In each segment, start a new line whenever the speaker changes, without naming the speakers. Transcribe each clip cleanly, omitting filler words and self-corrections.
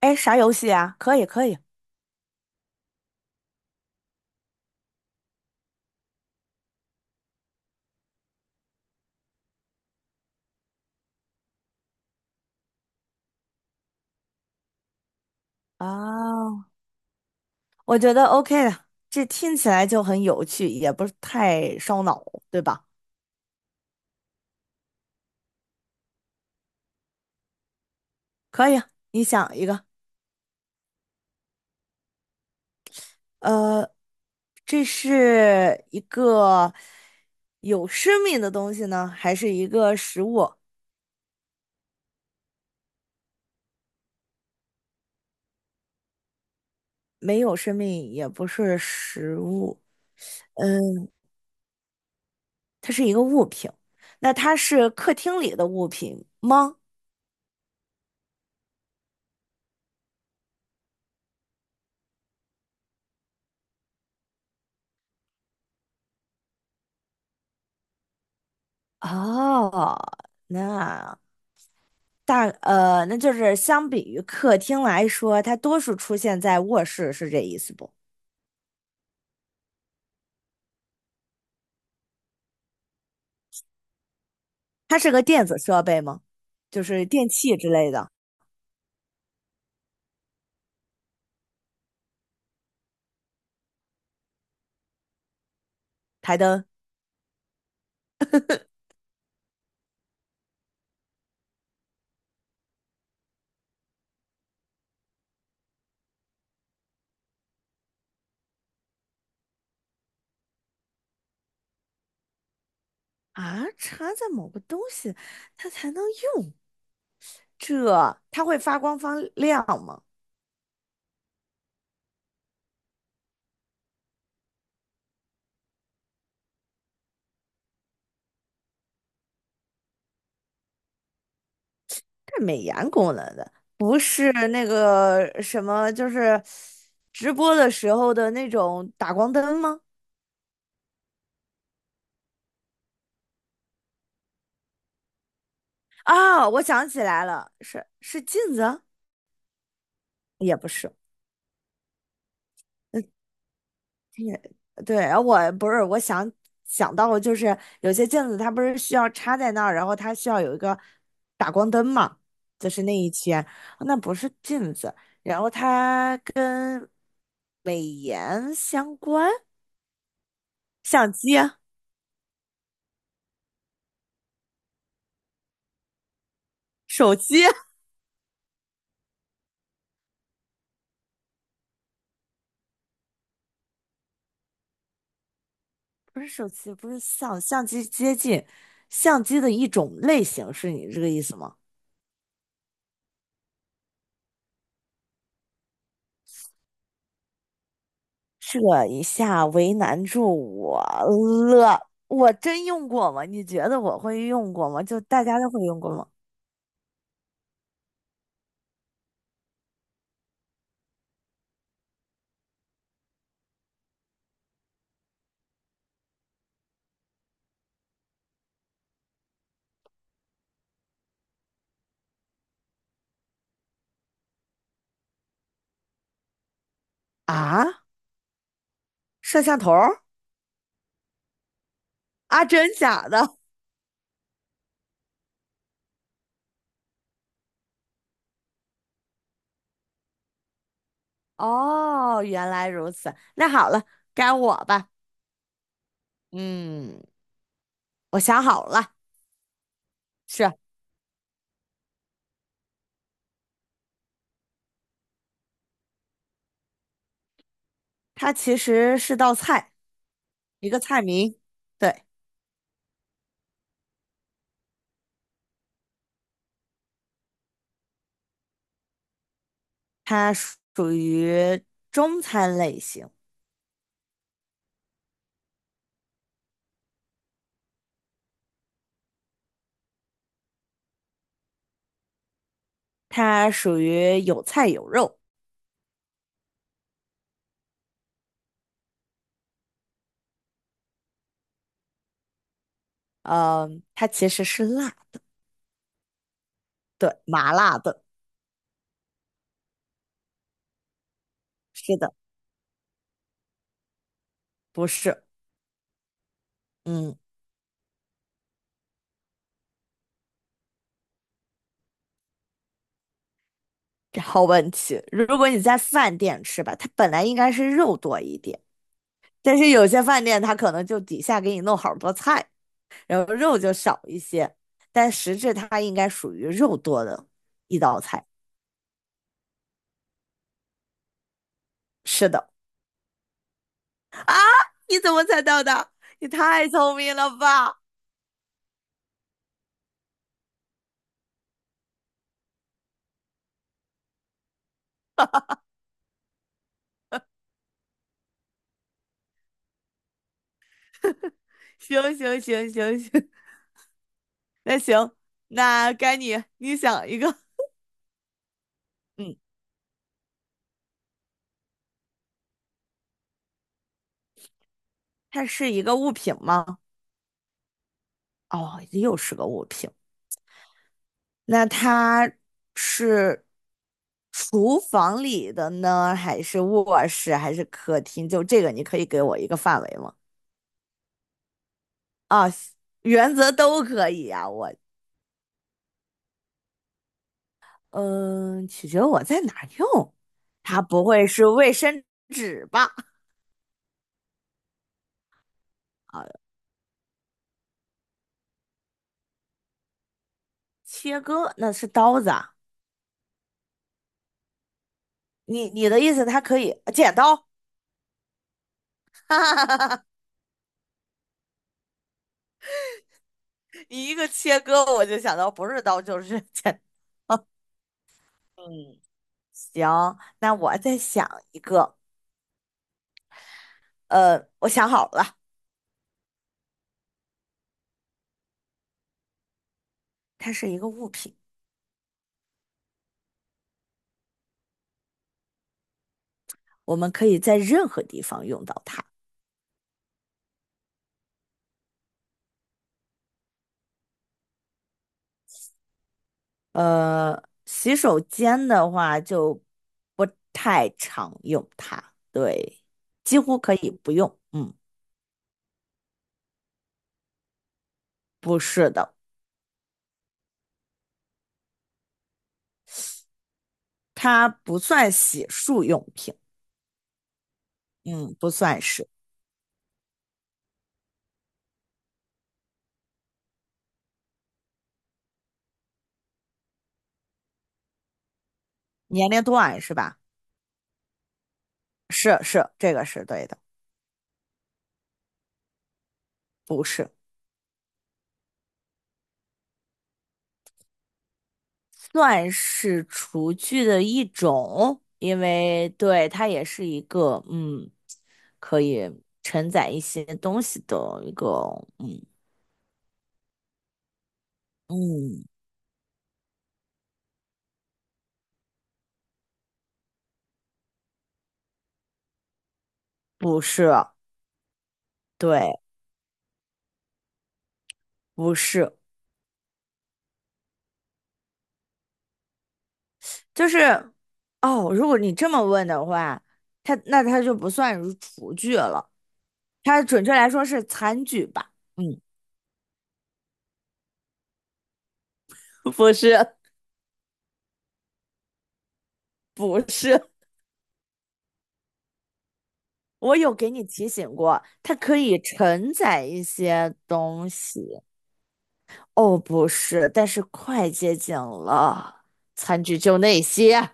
哎，啥游戏啊？可以，可以。啊，我觉得 OK 的，这听起来就很有趣，也不是太烧脑，对吧？可以啊，你想一个，呃，这是一个有生命的东西呢，还是一个食物？没有生命，也不是食物，嗯，它是一个物品。那它是客厅里的物品吗？哦，那。那就是相比于客厅来说，它多数出现在卧室，是这意思不？它是个电子设备吗？就是电器之类的，台灯啊，插在某个东西，它才能用。这它会发光发亮吗？这美颜功能的，不是那个什么，就是直播的时候的那种打光灯吗？啊，我想起来了，是镜子啊，也不是。嗯也，对，然后我不是，我想到了，就是有些镜子它不是需要插在那儿，然后它需要有一个打光灯嘛，就是那一圈，那不是镜子，然后它跟美颜相关，相机、手机。 不是手机，不是相，相机接近，相机的一种类型，是你这个意思吗？这一下为难住我了。我真用过吗？你觉得我会用过吗？就大家都会用过吗？啊，摄像头儿啊，真假的？哦，原来如此。那好了，该我吧。嗯，我想好了，是它其实是道菜，一个菜名。对，它属于中餐类型，它属于有菜有肉。嗯，它其实是辣，对，麻辣的。是的，不是，嗯，好问题。如果你在饭店吃吧，它本来应该是肉多一点，但是有些饭店它可能就底下给你弄好多菜，然后肉就少一些，但实质它应该属于肉多的一道菜。是的，你怎么猜到的？你太聪明了吧！行行行行行行，那该你，你想一个。嗯，它是一个物品吗？哦，又是个物品。那它是厨房里的呢，还是卧室，还是客厅？就这个，你可以给我一个范围吗？啊，原则都可以啊。我，嗯、取决我在哪儿用。它不会是卫生纸吧？切割那是刀子啊。你的意思，它可以剪刀？哈哈哈哈，你一个切割，我就想到不是刀就是剪。嗯，行，那我再想一个。我想好了，它是一个物品，我们可以在任何地方用到它。洗手间的话就不太常用它，对，几乎可以不用。嗯，不是的，它不算洗漱用品，嗯，不算是。年龄段是吧？是是，这个是对的，不是。算是厨具的一种，因为对它也是一个嗯，可以承载一些东西的一个。嗯嗯，不是，对，不是，就是哦，如果你这么问的话，它那它就不算是厨具了，它准确来说是餐具吧？嗯，不是，不是，我有给你提醒过，它可以承载一些东西。哦，不是，但是快接近了。餐具就那些，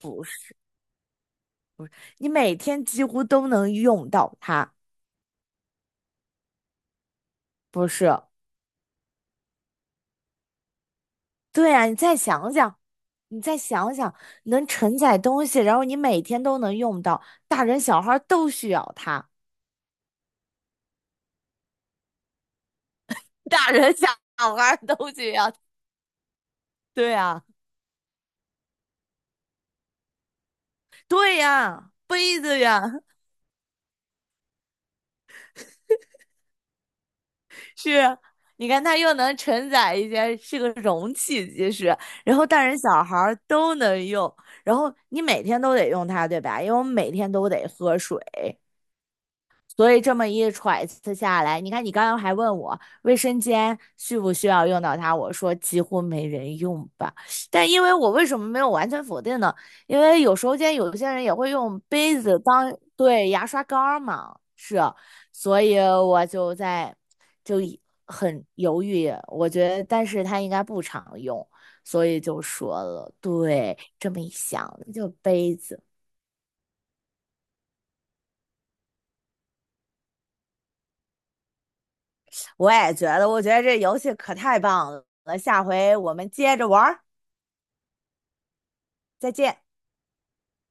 不是你每天几乎都能用到它。不是，对啊，你再想想，你再想想，能承载东西，然后你每天都能用到，大人小孩都需要它。大人小孩都需要。对呀对呀，杯子呀，是，你看它又能承载一些，是个容器，其实，然后大人小孩儿都能用，然后你每天都得用它，对吧？因为我们每天都得喝水，所以这么一揣测下来，你看你刚刚还问我卫生间需不需要用到它，我说几乎没人用吧。但因为我为什么没有完全否定呢？因为有时候间有些人也会用杯子当对牙刷杆儿嘛，是，所以我就一很犹豫。我觉得，但是它应该不常用，所以就说了，对，这么一想就杯子。我也觉得，我觉得这游戏可太棒了，下回我们接着玩儿，再见。